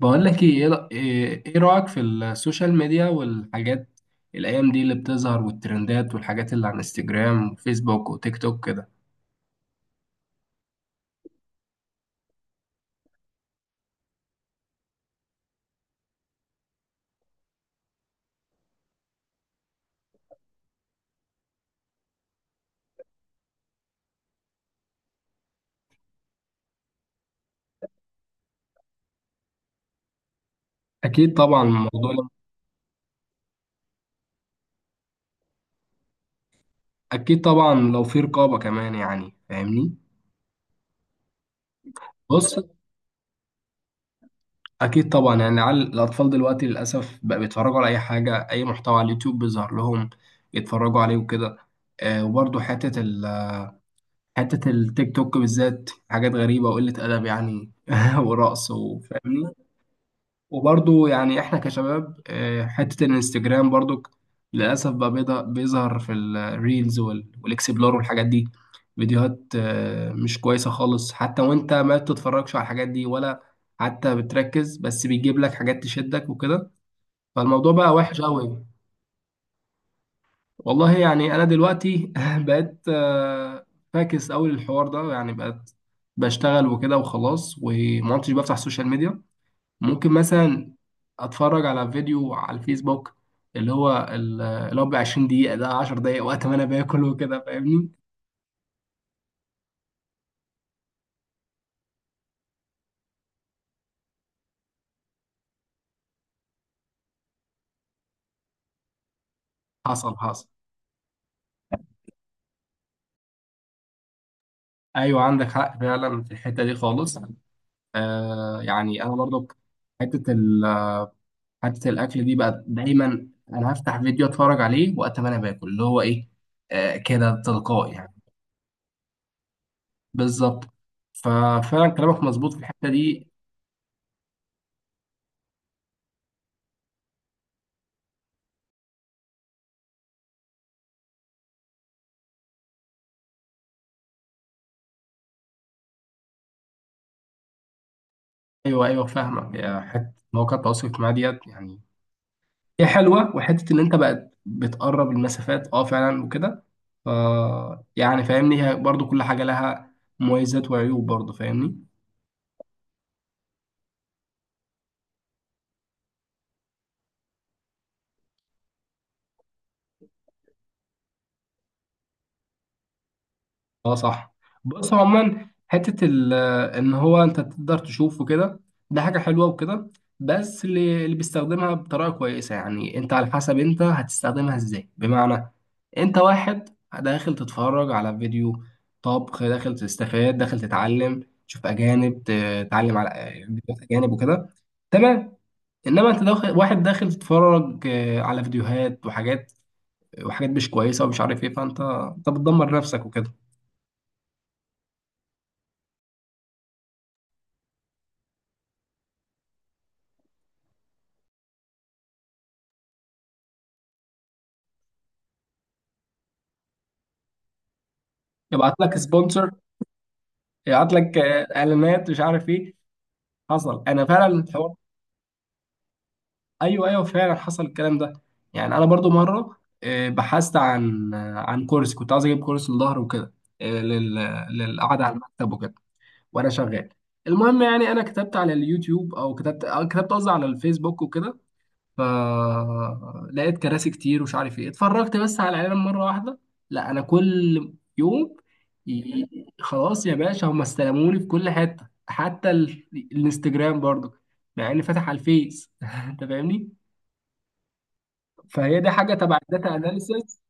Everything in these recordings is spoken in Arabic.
بقول لك ايه، إيه رأيك في السوشيال ميديا والحاجات الايام دي اللي بتظهر، والترندات والحاجات اللي على الانستجرام وفيسبوك وتيك توك كده؟ اكيد طبعا الموضوع اكيد طبعا لو في رقابة كمان يعني فاهمني. بص. اكيد طبعا يعني على الاطفال دلوقتي للاسف بقى بيتفرجوا على اي حاجة، اي محتوى على اليوتيوب بيظهر لهم يتفرجوا عليه وكده. آه، وبرضه حتة التيك توك بالذات حاجات غريبة وقلة أدب يعني ورقص وفاهمني. وبرضو يعني احنا كشباب، حتة الانستجرام برضو للأسف بقى بيظهر في الريلز والاكسبلور والحاجات دي. فيديوهات مش كويسة خالص، حتى وانت ما بتتفرجش على الحاجات دي ولا حتى بتركز، بس بيجيب لك حاجات تشدك وكده. فالموضوع بقى وحش قوي. والله يعني انا دلوقتي بقيت، فاكس قوي للحوار ده. يعني بقيت بشتغل وكده وخلاص، وما عدتش بفتح السوشيال ميديا. ممكن مثلا اتفرج على فيديو على الفيسبوك اللي هو ب 20 دقيقة، ده 10 دقايق وقت ما انا باكل وكده فاهمني. حصل. ايوه، عندك حق فعلا في الحتة دي خالص. آه، يعني انا برضو حتة ال حتة الاكل دي بقى، دايما انا هفتح فيديو اتفرج عليه وقت ما انا باكل، اللي هو ايه، آه كده تلقائي يعني. بالظبط. ففعلا كلامك مظبوط في الحتة دي. ايوه ايوه فاهمك. حتة مواقع التواصل الاجتماعي ديت يعني هي حلوه، وحته ان انت بقت بتقرب المسافات، اه فعلا وكده. ف يعني فاهمني، هي برضو كل حاجه لها مميزات وعيوب، برضو فاهمني. اه صح. بص عموما ان هو انت تقدر تشوفه كده، ده حاجه حلوه وكده. بس اللي بيستخدمها بطريقه كويسه يعني، انت على حسب انت هتستخدمها ازاي. بمعنى، انت واحد داخل تتفرج على فيديو طبخ، داخل تستفاد، داخل تتعلم، تشوف اجانب، تتعلم على فيديوهات اجانب وكده، تمام. انما انت داخل، واحد داخل تتفرج على فيديوهات وحاجات وحاجات مش كويسه ومش عارف ايه، فانت بتدمر نفسك وكده. يبعت لك سبونسر، يبعت لك اعلانات مش عارف ايه. حصل، انا فعلا الحوار. ايوه ايوه فعلا حصل الكلام ده. يعني انا برضو مره آه، بحثت عن آه، عن كورس، كنت عايز اجيب كورس للظهر وكده، آه، لل- للقعده على المكتب وكده وانا شغال. المهم يعني انا كتبت على اليوتيوب، او كتبت قصدي على الفيسبوك وكده، فلقيت كراسي كتير ومش عارف ايه. اتفرجت بس على الاعلان مره واحده، لا، انا كل يوم خلاص يا باشا هم استلموني في كل حته، حتى الانستجرام برضو مع اني فاتح على الفيس انت فاهمني. فهي دي حاجه تبع الداتا اناليسيز.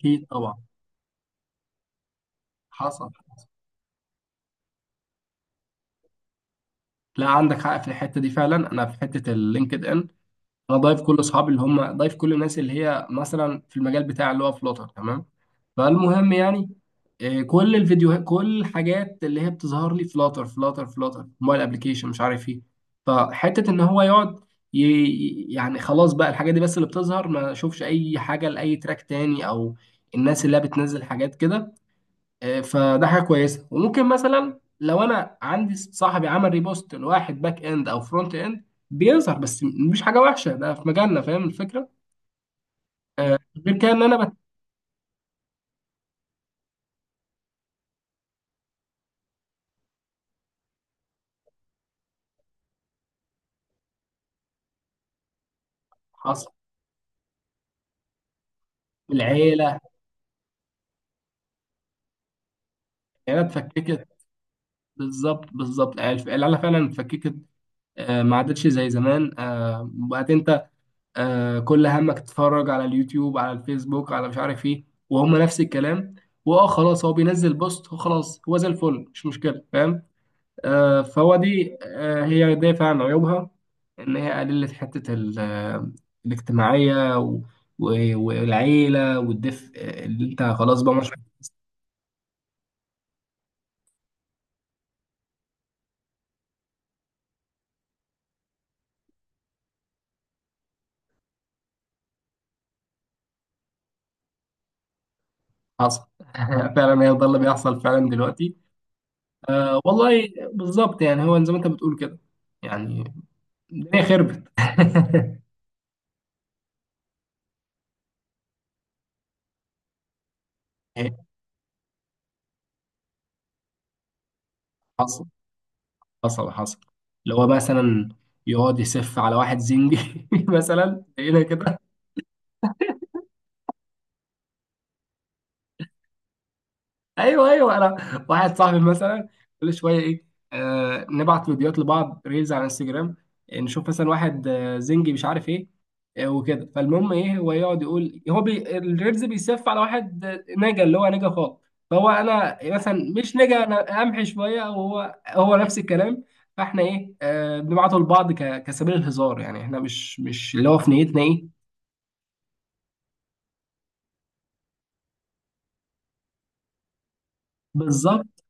اكيد طبعا. حصل. لا عندك حق في الحته دي فعلا. انا في حته اللينكد ان، انا ضايف كل اصحابي اللي هم ضايف كل الناس اللي هي مثلا في المجال بتاع اللي هو فلوتر، تمام. فالمهم يعني إيه، كل الفيديوهات كل الحاجات اللي هي بتظهر لي فلاتر فلاتر فلاتر، موبايل ابلكيشن مش عارف ايه. فحته ان هو يقعد يعني خلاص بقى الحاجات دي بس اللي بتظهر، ما اشوفش اي حاجه لاي تراك تاني، او الناس اللي هي بتنزل حاجات كده. آه، فده حاجه كويسه. وممكن مثلا لو انا عندي صاحبي عمل ريبوست لواحد باك اند او فرونت اند بيظهر، بس مش حاجه وحشه ده في مجالنا فاهم الفكره. غير كده ان انا بتحصل. العيله، العيله اتفككت. بالظبط بالظبط، العيله العيلة فعلا اتفككت. آه، ما عادتش زي زمان. آه، بقت انت كل همك تتفرج على اليوتيوب، على الفيسبوك، على مش عارف ايه، وهم نفس الكلام. واه خلاص هو بينزل بوست وخلاص هو زي الفل، مش مشكله فاهم. آه، فهو دي آه، هي دي فعلا عيوبها، ان هي قللت حته ال- آه، الاجتماعيه والعيله والدفء، اللي انت خلاص بقى مش حاصل فعلا هي ده اللي بيحصل فعلا دلوقتي. آه والله بالظبط، يعني هو زي ما انت بتقول كده يعني. الدنيا خربت حصل حصل. اللي هو مثلا يقعد يسف على واحد زنجي مثلا هنا كده. ايوه ايوه، انا واحد صاحبي مثلا كل شويه ايه، آه، نبعت فيديوهات لبعض ريلز على انستجرام، آه، نشوف مثلا واحد آه زنجي مش عارف ايه، آه وكده. فالمهم ايه، هو يقعد يقول هو بي الريلز بيسف على واحد، نجا اللي هو نجا خالص. فهو انا مثلا مش نجا، انا امحي شويه، وهو نفس الكلام. فاحنا ايه آه بنبعته لبعض كسبيل الهزار يعني، احنا مش اللي هو في نيتنا ايه. بالظبط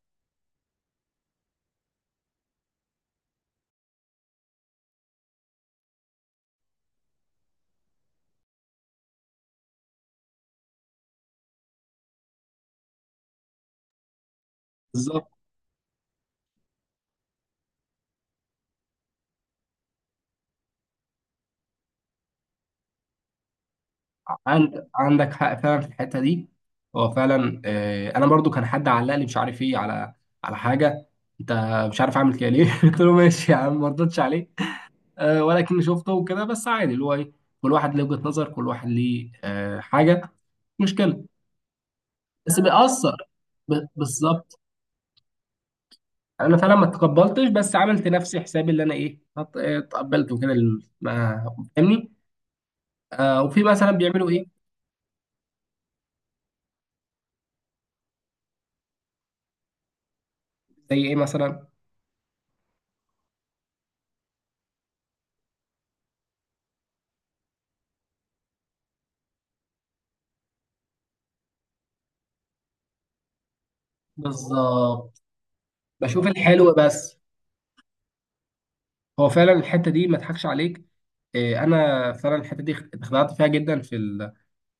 بالظبط. عندك حق فعلا في الحته دي. هو فعلا، آه، انا برضو كان حد علق لي مش عارف ايه على على حاجه، انت مش عارف اعمل كده ليه قلت له ماشي يا عم، ما ردتش عليه. آه، ولكن شفته وكده، بس عادي اللي هو ايه، كل واحد ليه وجهه نظر، كل واحد ليه حاجه، مش مشكله. بس بيأثر. بالظبط. انا فعلا ما تقبلتش، بس عملت نفسي حسابي اللي انا ايه تقبلت وكده ما فاهمني. آه، وفي مثلا بيعملوا ايه. زي ايه مثلا. بالظبط بشوف الحلو بس. هو فعلا الحته دي ما اضحكش عليك. إيه، انا فعلا الحته دي اتخدعت فيها جدا في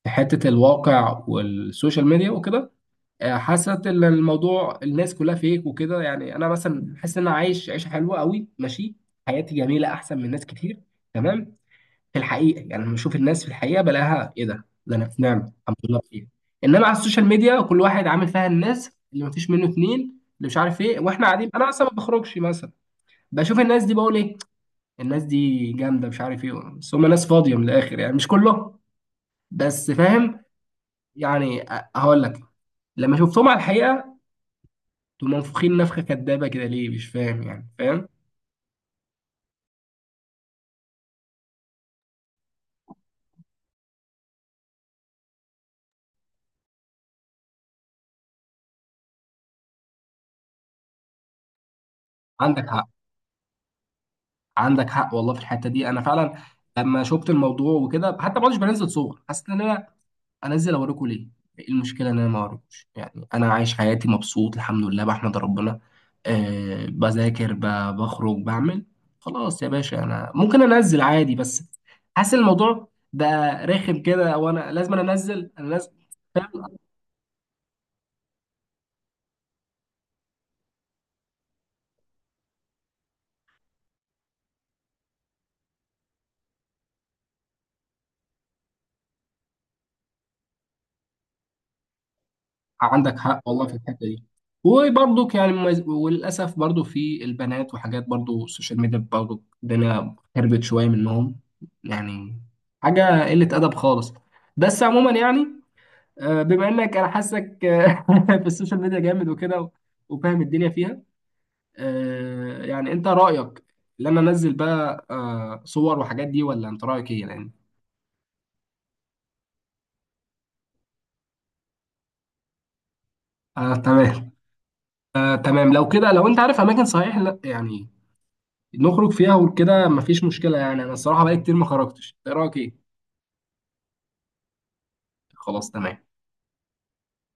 في حته الواقع والسوشيال ميديا وكده. آه، حاسه ان الموضوع الناس كلها فيك وكده. يعني انا مثلا حاسس ان انا عايش عيشه حلوه قوي، ماشي، حياتي جميله احسن من ناس كتير، تمام. في الحقيقه يعني لما بشوف الناس في الحقيقه بلاقيها ايه، ده انا في نعمه الحمد لله بخير. انما على السوشيال ميديا كل واحد عامل فيها الناس اللي ما فيش منه اتنين، اللي مش عارف ايه، واحنا قاعدين انا اصلا ما بخرجش مثلا بشوف الناس دي بقول ايه، الناس دي جامده مش عارف ايه. بس هم ناس فاضيه من الاخر يعني، مش كله، بس فاهم. يعني هقول لك، لما شفتهم على الحقيقه دول منفوخين نفخه كدابه كده، ليه مش فاهم يعني فاهم. عندك حق، عندك حق والله في الحته دي. انا فعلا لما شفت الموضوع وكده، حتى ما كنتش بنزل صور. حسيت ان انا انزل اوريكم ليه؟ ايه المشكله ان انا ما اوريكوش يعني؟ انا عايش حياتي مبسوط الحمد لله بحمد ربنا. أه بذاكر، بخرج، بعمل، خلاص يا باشا انا ممكن انزل عادي. بس حاسس الموضوع بقى رخم كده، وانا لازم أنا انزل انا لازم فاهم. عندك حق والله في الحته دي. وبرضك يعني وللاسف برضو في البنات وحاجات، برضو السوشيال ميديا برضو الدنيا خربت شويه منهم يعني. حاجه قله ادب خالص. بس عموما يعني، آه، بما انك انا حاسك، آه، في السوشيال ميديا جامد وكده، وفاهم الدنيا فيها، آه، يعني انت رايك ان انا انزل بقى، آه، صور وحاجات دي؟ ولا انت رايك ايه يعني؟ آه تمام. آه تمام لو كده. لو انت عارف اماكن صحيح، لا يعني نخرج فيها وكده مفيش مشكله، يعني انا الصراحه بقالي كتير ما خرجتش. إنت رايك ايه؟ خلاص تمام.